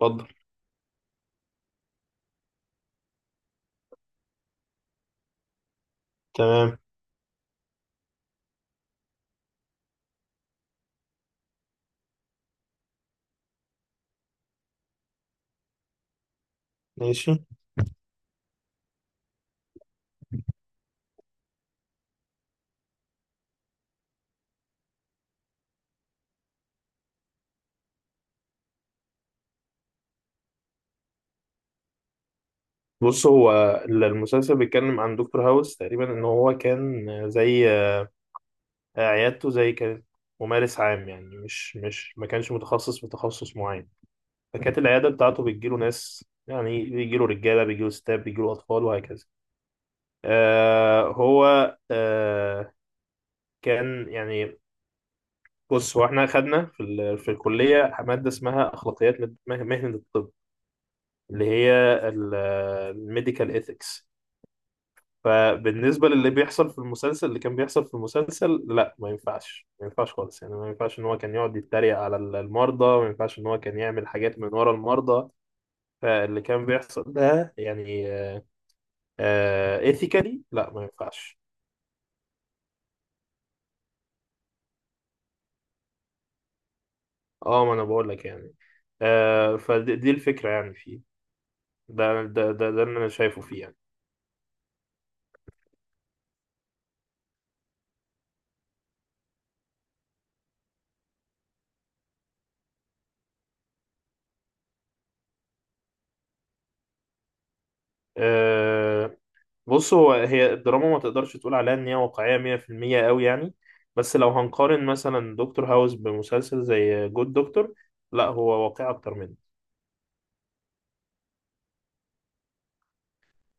اتفضل. تمام. ماشي. بص، هو المسلسل بيتكلم عن دكتور هاوس. تقريبا ان هو كان زي عيادته زي كانت ممارس عام. يعني مش ما كانش متخصص في تخصص معين، فكانت العياده بتاعته بتجيله ناس، يعني بيجيله رجاله بيجيله ستات بيجيله اطفال وهكذا. آه هو آه كان يعني بص هو احنا خدنا في الكليه ماده اسمها اخلاقيات مهنه الطب، اللي هي الميديكال ايثكس. فبالنسبة للي بيحصل في المسلسل، اللي كان بيحصل في المسلسل، لا ما ينفعش، ما ينفعش خالص. يعني ما ينفعش ان هو كان يقعد يتريق على المرضى، ما ينفعش ان هو كان يعمل حاجات من ورا المرضى. فاللي كان بيحصل ده يعني ايثيكالي لا، ما ينفعش. اه، ما انا بقول لك يعني. آه، فدي الفكرة يعني فيه. ده اللي انا شايفه فيه يعني. آه، بص، هو هي الدراما ما تقدرش تقول عليها ان هي واقعية 100% قوي يعني. بس لو هنقارن مثلا دكتور هاوس بمسلسل زي جود دكتور، لا هو واقعي اكتر منه.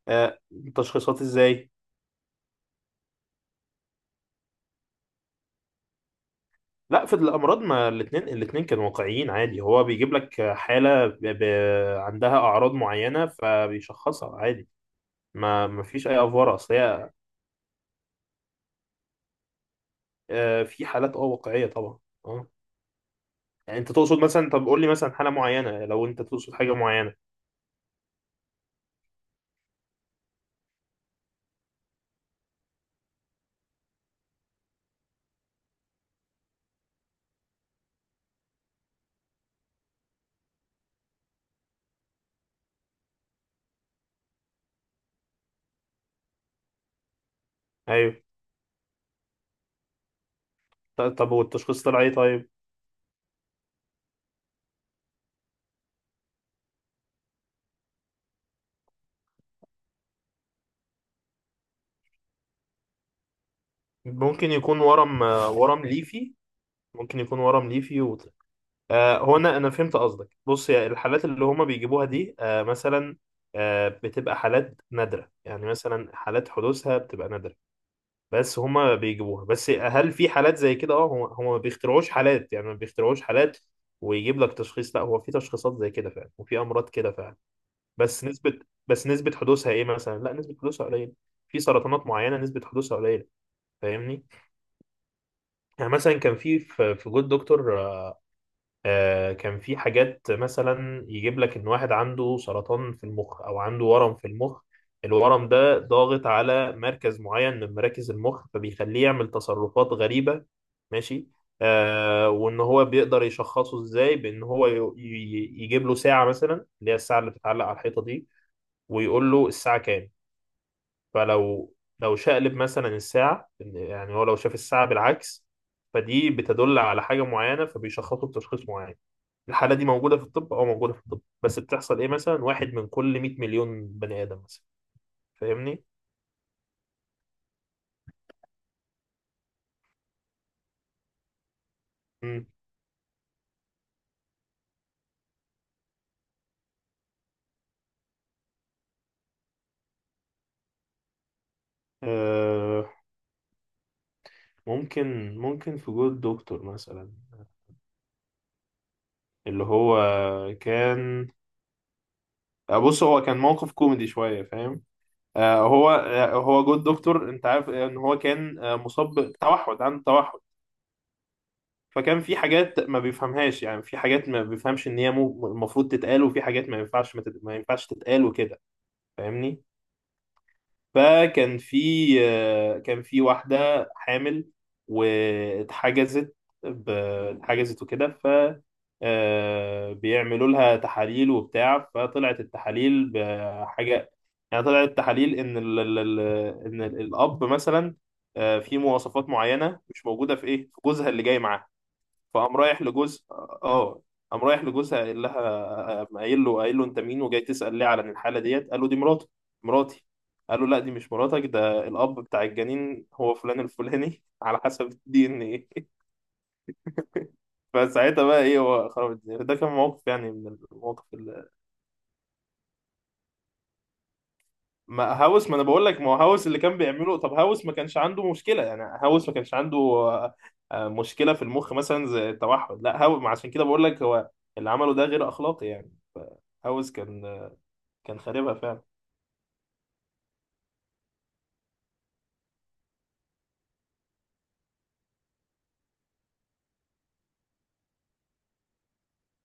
آه تشخيصات ازاي؟ لا في الامراض، ما الاتنين كانوا واقعيين عادي. هو بيجيب لك حالة عندها اعراض معينة فبيشخصها عادي. ما فيش اي افوار، اصل هي آه في حالات اه واقعية طبعا. اه، يعني انت تقصد مثلا، طب قول لي مثلا حالة معينة لو انت تقصد حاجة معينة. ايوه. طب والتشخيص طلع ايه طيب؟ ممكن يكون ورم، ورم ليفي. ممكن يكون ورم ليفي و... آه هو انا فهمت قصدك. بص، يا الحالات اللي هما بيجيبوها دي آه مثلا آه بتبقى حالات نادرة، يعني مثلا حالات حدوثها بتبقى نادرة. بس هما بيجيبوها. بس هل في حالات زي كده؟ اه، هما ما بيخترعوش حالات، يعني ما بيخترعوش حالات ويجيب لك تشخيص. لا، هو في تشخيصات زي كده فعلا، وفي امراض كده فعلا. بس نسبة بس نسبة حدوثها ايه مثلا؟ لا، نسبة حدوثها قليلة. في سرطانات معينة نسبة حدوثها قليلة، فاهمني؟ يعني مثلا كان في جود دكتور كان في حاجات مثلا، يجيب لك ان واحد عنده سرطان في المخ، او عنده ورم في المخ. الورم ده ضاغط على مركز معين من مراكز المخ، فبيخليه يعمل تصرفات غريبة. ماشي. آه، وان هو بيقدر يشخصه ازاي؟ بان هو يجيب له ساعة مثلا، اللي هي الساعة اللي بتتعلق على الحيطة دي، ويقول له الساعة كام. فلو، لو شقلب مثلا الساعة يعني هو لو شاف الساعة بالعكس، فدي بتدل على حاجة معينة، فبيشخصه بتشخيص معين. الحالة دي موجودة في الطب، أو موجودة في الطب بس بتحصل إيه، مثلا واحد من كل 100 مليون بني آدم مثلا. فاهمني؟ مم. آه، ممكن، ممكن في جول دكتور مثلا، اللي هو كان، بص هو كان موقف كوميدي شوية، فاهم؟ آه هو آه هو جود دكتور، انت عارف ان هو كان آه مصاب بتوحد، عنده توحد. فكان في حاجات ما بيفهمهاش، يعني في حاجات ما بيفهمش ان هي المفروض تتقال، وفي حاجات ما ينفعش ما ينفعش تتقال وكده. فاهمني؟ فكان في، كان في واحدة حامل واتحجزت، ب- اتحجزت وكده. ف بيعملوا لها تحاليل وبتاع، فطلعت التحاليل بحاجة. يعني طلعت التحاليل ان الاب مثلا في مواصفات معينة مش موجودة في ايه، في جوزها اللي جاي معاها. فقام رايح لجوز، اه قام رايح لجوزها قايل لها، قام قايل له، قايل له انت مين، وجاي تسأل ليه على الحالة ديت؟ قال له دي مراته، مراتي. قال له لا دي مش مراتك، ده الأب بتاع الجنين هو فلان الفلاني على حسب الدي ان ايه. فساعتها بقى ايه، هو خرب الدنيا. ده كان موقف يعني من المواقف. ما هاوس، ما انا بقول لك ما هو هاوس اللي كان بيعمله. طب هاوس ما كانش عنده مشكله، يعني هاوس ما كانش عنده مشكله في المخ مثلا زي التوحد. لا، هاوس، ما عشان كده بقول لك هو اللي عمله ده غير اخلاقي يعني. هاوس كان كان خاربها فعلا.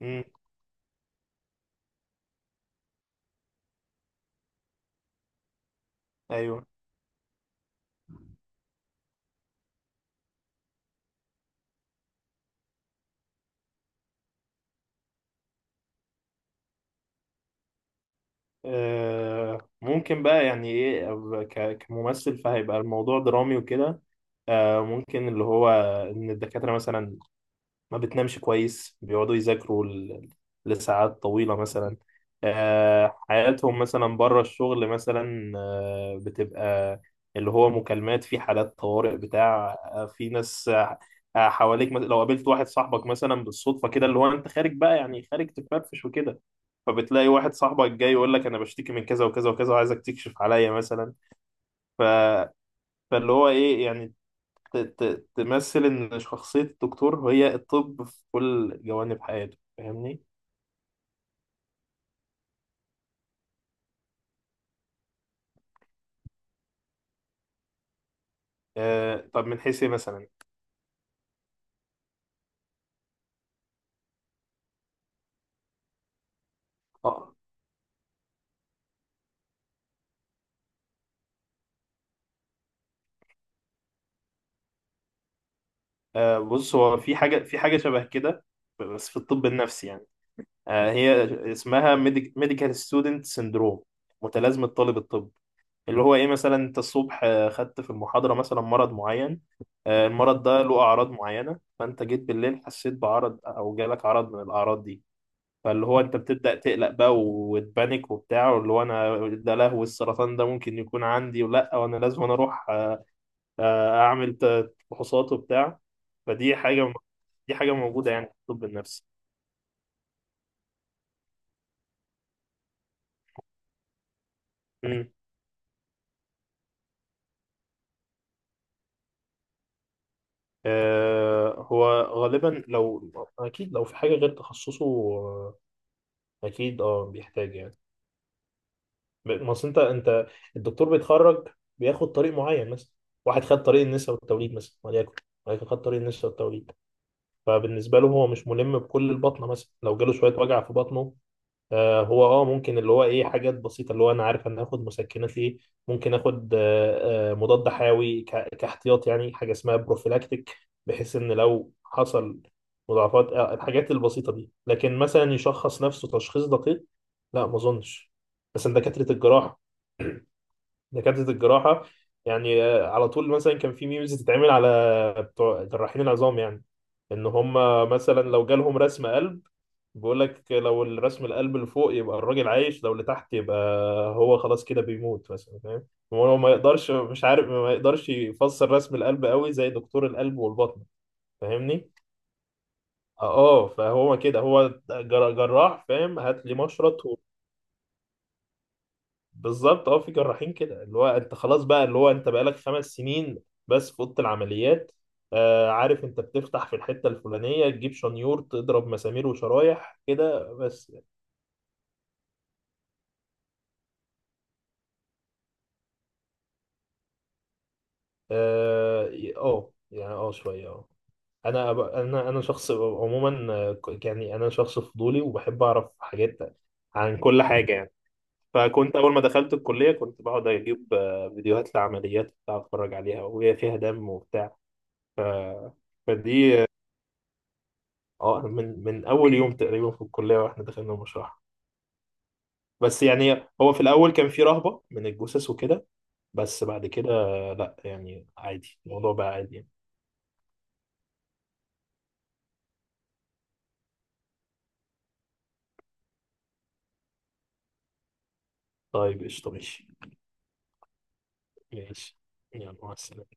امم. ايوه. ممكن بقى، يعني ايه، كممثل، فهيبقى الموضوع درامي وكده. ممكن اللي هو ان الدكاتره مثلا ما بتنامش كويس، بيقعدوا يذاكروا لساعات طويلة مثلا. حياتهم مثلا بره الشغل مثلا بتبقى اللي هو مكالمات في حالات طوارئ بتاع، في ناس حواليك مثلا. لو قابلت واحد صاحبك مثلا بالصدفة كده، اللي هو انت خارج بقى يعني خارج تفرفش وكده، فبتلاقي واحد صاحبك جاي يقول لك انا بشتكي من كذا وكذا وكذا، وعايزك تكشف عليا مثلا. ف... فاللي هو ايه يعني ت- تمثل إن شخصية الدكتور هي الطب في كل جوانب حياته. فاهمني؟ آه، طب من حيث إيه مثلا؟ آه بص، هو في حاجة، شبه كده بس في الطب النفسي يعني. آه هي اسمها ميديكال ستودنت سيندروم، متلازمة طالب الطب. اللي هو إيه، مثلا أنت الصبح خدت في المحاضرة مثلا مرض معين، آه المرض ده له أعراض معينة، فأنت جيت بالليل حسيت بعرض أو جالك عرض من الأعراض دي. فاللي هو انت بتبدأ تقلق بقى وتبانك وبتاع، واللي هو انا ده لهو السرطان، ده ممكن يكون عندي، ولا وانا لازم انا اروح اعمل فحوصات وبتاع. فدي حاجة، دي حاجة موجودة يعني في الطب النفسي. امم. آه، هو غالبا لو، اكيد لو في حاجة غير تخصصه اكيد اه بيحتاج يعني. ما اصل انت الدكتور بيتخرج بياخد طريق معين مثلا. واحد خد طريق النساء والتوليد مثلا وليكن، ولكن خد طريق النساء والتوليد. فبالنسبه له هو مش ملم بكل البطنه مثلا. لو جاله شويه وجع في بطنه، آه هو اه ممكن اللي هو ايه، حاجات بسيطه اللي هو انا عارف انا هاخد مسكنات ايه، ممكن اخد مضاد حيوي كاحتياط، يعني حاجه اسمها بروفيلاكتيك، بحيث ان لو حصل مضاعفات آه الحاجات البسيطه دي. لكن مثلا يشخص نفسه تشخيص دقيق، لا ما اظنش. بس إن دكاتره الجراحه دكاترة الجراحة، يعني على طول مثلا كان في ميمز تتعمل على بتوع جراحين العظام، يعني ان هم مثلا لو جالهم رسم قلب، بيقول لك لو الرسم القلب اللي فوق يبقى الراجل عايش، لو اللي تحت يبقى هو خلاص كده بيموت مثلا، فاهم؟ هو ما يقدرش، مش عارف، ما يقدرش يفسر رسم القلب قوي زي دكتور القلب والبطن. فاهمني؟ اه، فهو كده هو جراح، فاهم؟ هات لي مشرط. بالظبط. اه في جراحين كده، اللي هو انت خلاص بقى، اللي هو انت بقالك خمس سنين بس في اوضه العمليات. آه عارف، انت بتفتح في الحته الفلانيه، تجيب شنيور، تضرب مسامير وشرايح كده بس. اه. اه يعني اه شويه اه. انا أب- انا انا شخص عموما، يعني انا شخص فضولي وبحب اعرف حاجات عن كل حاجه يعني. فكنت اول ما دخلت الكليه كنت بقعد اجيب فيديوهات لعمليات بتاع، اتفرج عليها وهي فيها دم وبتاع. ف... فدي، اه من اول يوم تقريبا في الكليه واحنا دخلنا المشرحه. بس يعني هو في الاول كان في رهبه من الجثث وكده، بس بعد كده لا يعني عادي، الموضوع بقى عادي يعني. طيب قشطه، ماشي. ماشي. يلا مع السلامه.